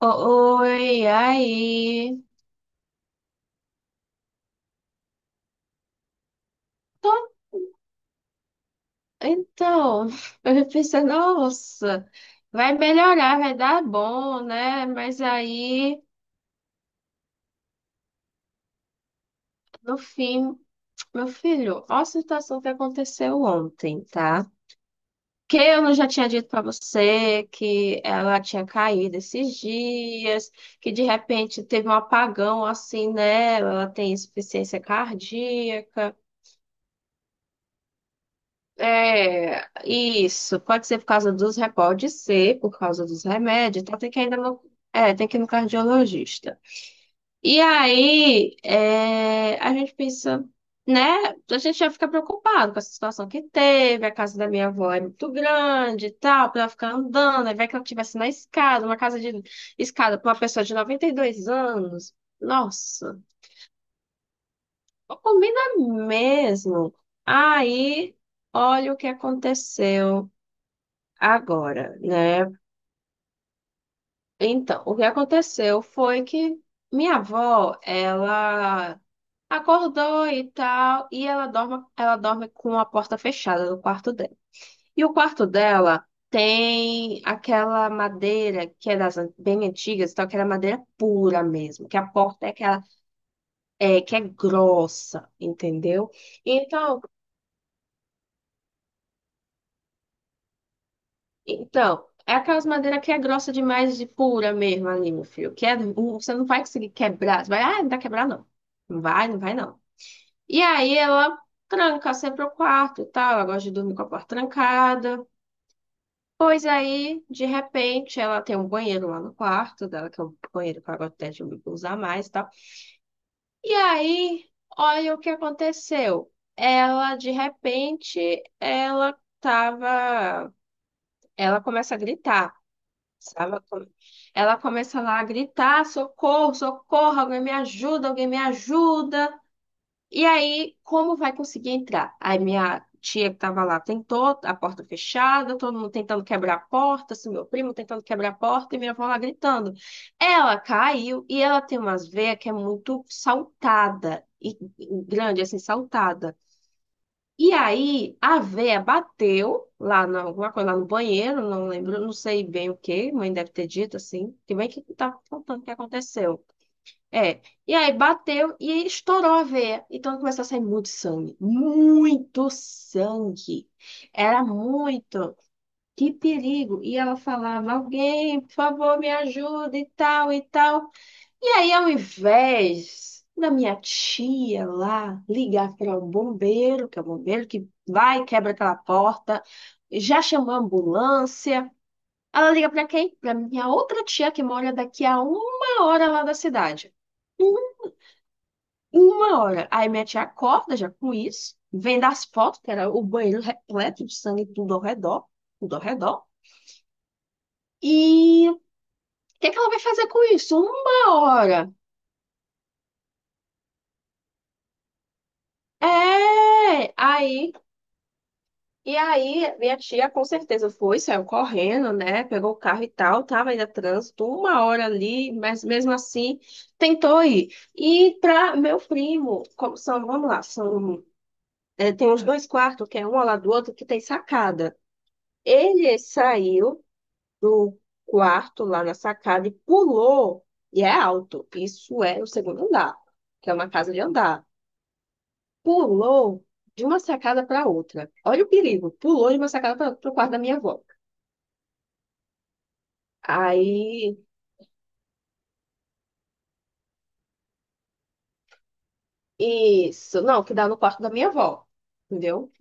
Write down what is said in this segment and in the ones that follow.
Oi, aí. Tô- Então, eu pensei, nossa, vai melhorar, vai dar bom, né? Mas aí, no fim, meu filho, olha a situação que aconteceu ontem, tá? Que eu não já tinha dito pra você que ela tinha caído esses dias, que de repente teve um apagão, assim né? Ela tem insuficiência cardíaca. É, isso. Pode ser por causa dos remédios, pode ser por causa dos remédios, então tem que ir no cardiologista. E aí, a gente pensa, né? A gente já fica preocupado com essa situação que teve. A casa da minha avó é muito grande e tal, pra ela ficar andando, aí vai que ela estivesse na escada, uma casa de escada pra uma pessoa de 92 anos. Nossa, não combina mesmo. Aí, olha o que aconteceu. Agora, né? Então, o que aconteceu foi que minha avó, ela acordou e tal, e ela dorme com a porta fechada no quarto dela. E o quarto dela tem aquela madeira que é das bem antigas, então aquela madeira pura mesmo, que a porta é aquela que é grossa, entendeu? Então, Então, é aquelas madeiras que é grossa demais, de pura mesmo ali, meu filho. Que é, um, você não vai conseguir quebrar. Você vai, ah, não vai quebrar, não. Não vai, não vai, não. E aí ela tranca sempre o quarto e tal. Ela gosta de dormir com a porta trancada. Pois aí, de repente, ela tem um banheiro lá no quarto dela, que é um banheiro que ela gosta até de usar mais e tal. E aí, olha o que aconteceu. Ela, de repente, ela tava. Ela começa a gritar. Sabe? Ela começa lá a gritar: socorro, socorro, alguém me ajuda, alguém me ajuda. E aí, como vai conseguir entrar? Aí minha tia, que estava lá, tentou. A porta fechada, todo mundo tentando quebrar a porta, assim, meu primo tentando quebrar a porta e minha avó lá gritando. Ela caiu e ela tem umas veias que é muito saltada, e grande, assim, saltada. E aí a véia bateu lá na, alguma coisa lá no banheiro, não lembro, não sei bem o que, mãe deve ter dito assim, que bem que tá contando o que aconteceu. É. E aí bateu e aí estourou a veia. Então começou a sair muito sangue. Muito sangue. Era muito. Que perigo. E ela falava: alguém, por favor, me ajuda e tal e tal. E aí, ao invés da minha tia lá ligar para o bombeiro, que é o bombeiro que vai e quebra aquela porta, já chamou a ambulância, ela liga para quem? Para minha outra tia que mora daqui a uma hora lá da cidade. Um- Uma hora. Aí minha tia acorda já com isso, vendo as fotos, que era o banheiro repleto de sangue, tudo ao redor, tudo ao redor. E o que é que ela vai fazer com isso? Uma hora. É, aí. E aí, minha tia, com certeza, foi, saiu correndo, né? Pegou o carro e tal, tava ainda trânsito, uma hora ali, mas mesmo assim tentou ir. E para meu primo, como são, vamos lá, são, tem uns dois quartos, que é um ao lado do outro, que tem sacada. Ele saiu do quarto lá na sacada e pulou, e é alto, isso é o segundo andar, que é uma casa de andar. Pulou de uma sacada para outra. Olha o perigo, pulou de uma sacada para o quarto da minha avó. Aí, isso, não, que dá no quarto da minha avó, entendeu?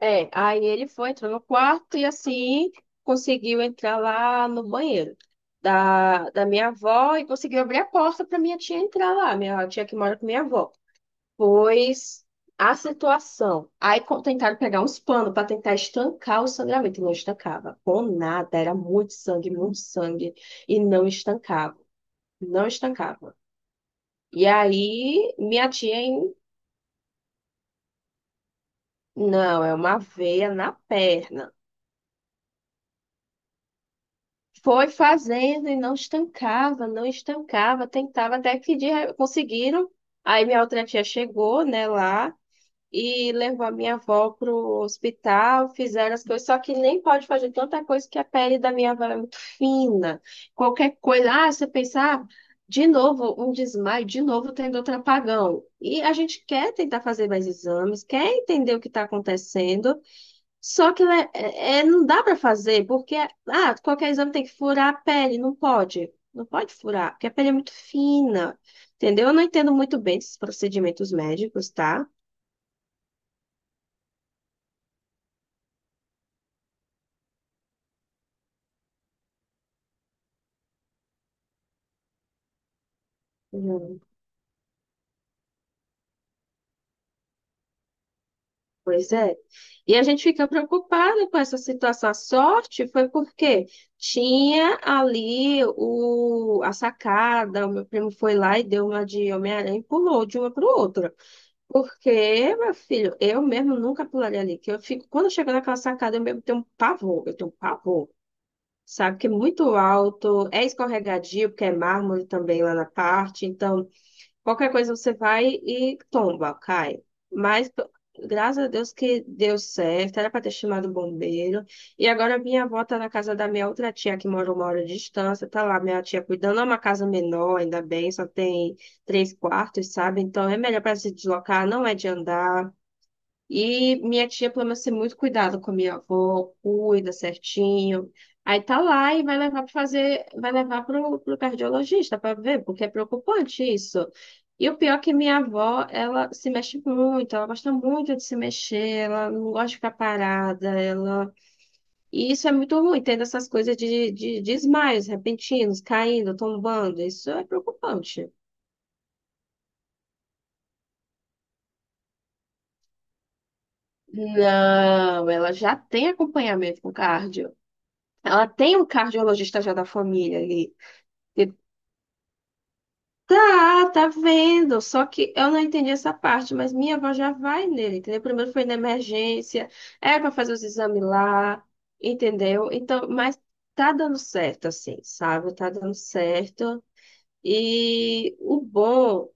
É, aí ele foi, entrou no quarto e assim conseguiu entrar lá no banheiro da minha avó e conseguiu abrir a porta para minha tia entrar lá, minha tia que mora com minha avó. Pois a situação. Tentaram pegar uns panos para tentar estancar o sangramento e não estancava. Com nada, era muito sangue e não estancava, não estancava. E aí, minha tia. Não, é uma veia na perna. Foi fazendo e não estancava, não estancava, tentava até que conseguiram. Aí minha outra tia chegou, né, lá e levou a minha avó pro hospital, fizeram as coisas, só que nem pode fazer tanta coisa, que a pele da minha avó é muito fina. Qualquer coisa, ah, você pensar, ah, de novo um desmaio, de novo tendo outro apagão. E a gente quer tentar fazer mais exames, quer entender o que está acontecendo. Só que né, não dá para fazer, porque ah, qualquer exame tem que furar a pele, não pode. Não pode furar, porque a pele é muito fina. Entendeu? Eu não entendo muito bem esses procedimentos médicos, tá? Hum. Pois é. E a gente fica preocupada com essa situação. A sorte foi porque tinha ali o, a sacada, o meu primo foi lá e deu uma de Homem-Aranha e pulou de uma para outra. Porque, meu filho, eu mesmo nunca pularia ali. Que eu fico, quando eu chego naquela sacada, eu mesmo tenho um pavor, eu tenho um pavor, sabe? Que é muito alto, é escorregadio, porque é mármore também lá na parte. Então, qualquer coisa você vai e tomba, cai. Mas p- Graças a Deus que deu certo, era para ter chamado o bombeiro. E agora minha avó tá na casa da minha outra tia, que mora uma hora de distância, tá lá minha tia cuidando, é uma casa menor, ainda bem, só tem três quartos, sabe? Então é melhor para se deslocar, não é de andar. E minha tia planeja ser muito cuidada com a minha avó, cuida certinho. Aí tá lá e vai levar para fazer, vai levar pro, pro cardiologista para ver, porque é preocupante isso. E o pior é que minha avó, ela se mexe muito, ela gosta muito de se mexer, ela não gosta de ficar parada, ela... E isso é muito ruim, tendo essas coisas de, desmaios repentinos, caindo, tombando, isso é preocupante. Não, ela já tem acompanhamento com cardio. Ela tem um cardiologista já da família ali. E tá, tá vendo. Só que eu não entendi essa parte, mas minha avó já vai nele, entendeu? Primeiro foi na emergência, é pra fazer os exames lá, entendeu? Então, mas tá dando certo, assim, sabe? Tá dando certo. E o bom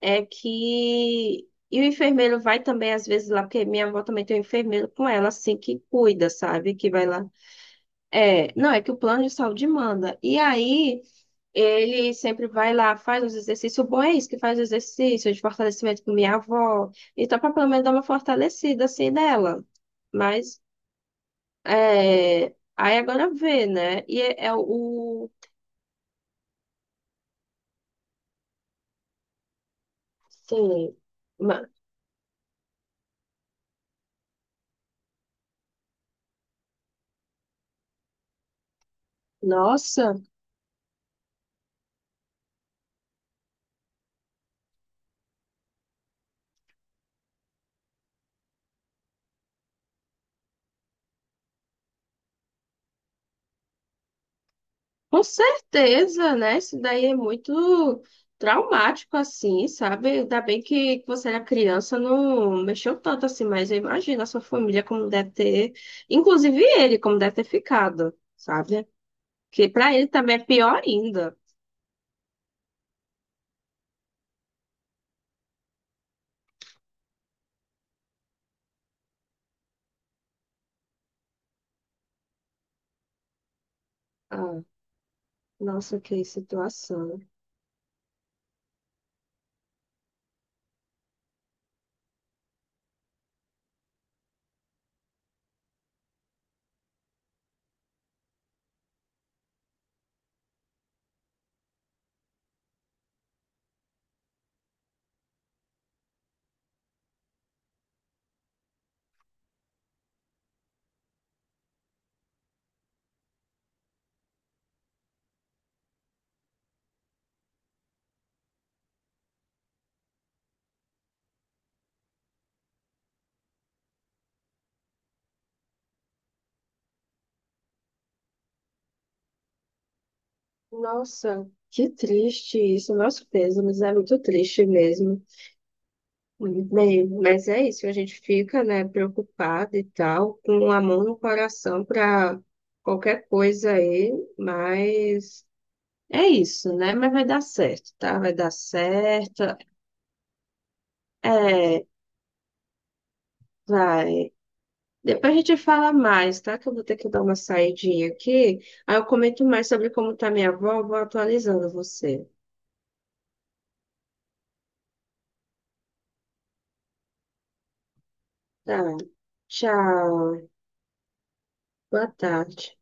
é que. E o enfermeiro vai também, às vezes, lá, porque minha avó também tem um enfermeiro com ela, assim, que cuida, sabe? Que vai lá. É, não, é que o plano de saúde manda. E aí. Ele sempre vai lá, faz os exercícios. O bom é isso, que faz exercício de fortalecimento com minha avó. Então, para pelo menos dar uma fortalecida assim nela. Mas, é... aí agora vê, né? E é, é o. Sim. ma- Nossa, com certeza, né? Isso daí é muito traumático, assim, sabe? Ainda bem que você era criança, não mexeu tanto assim, mas eu imagino a sua família como deve ter, inclusive ele, como deve ter ficado. Sabe? Que pra ele também é pior ainda. Ah, nossa, que situação. Nossa, que triste isso. Nosso peso, mas é muito triste mesmo. Bem, mas é isso, a gente fica, né, preocupado e tal, com amor no coração para qualquer coisa aí, mas é isso, né? Mas vai dar certo, tá? Vai dar certo. É, vai. Depois a gente fala mais, tá? Que eu vou ter que dar uma saidinha aqui. Aí eu comento mais sobre como tá minha avó, vou atualizando você. Tá. Tchau. Boa tarde.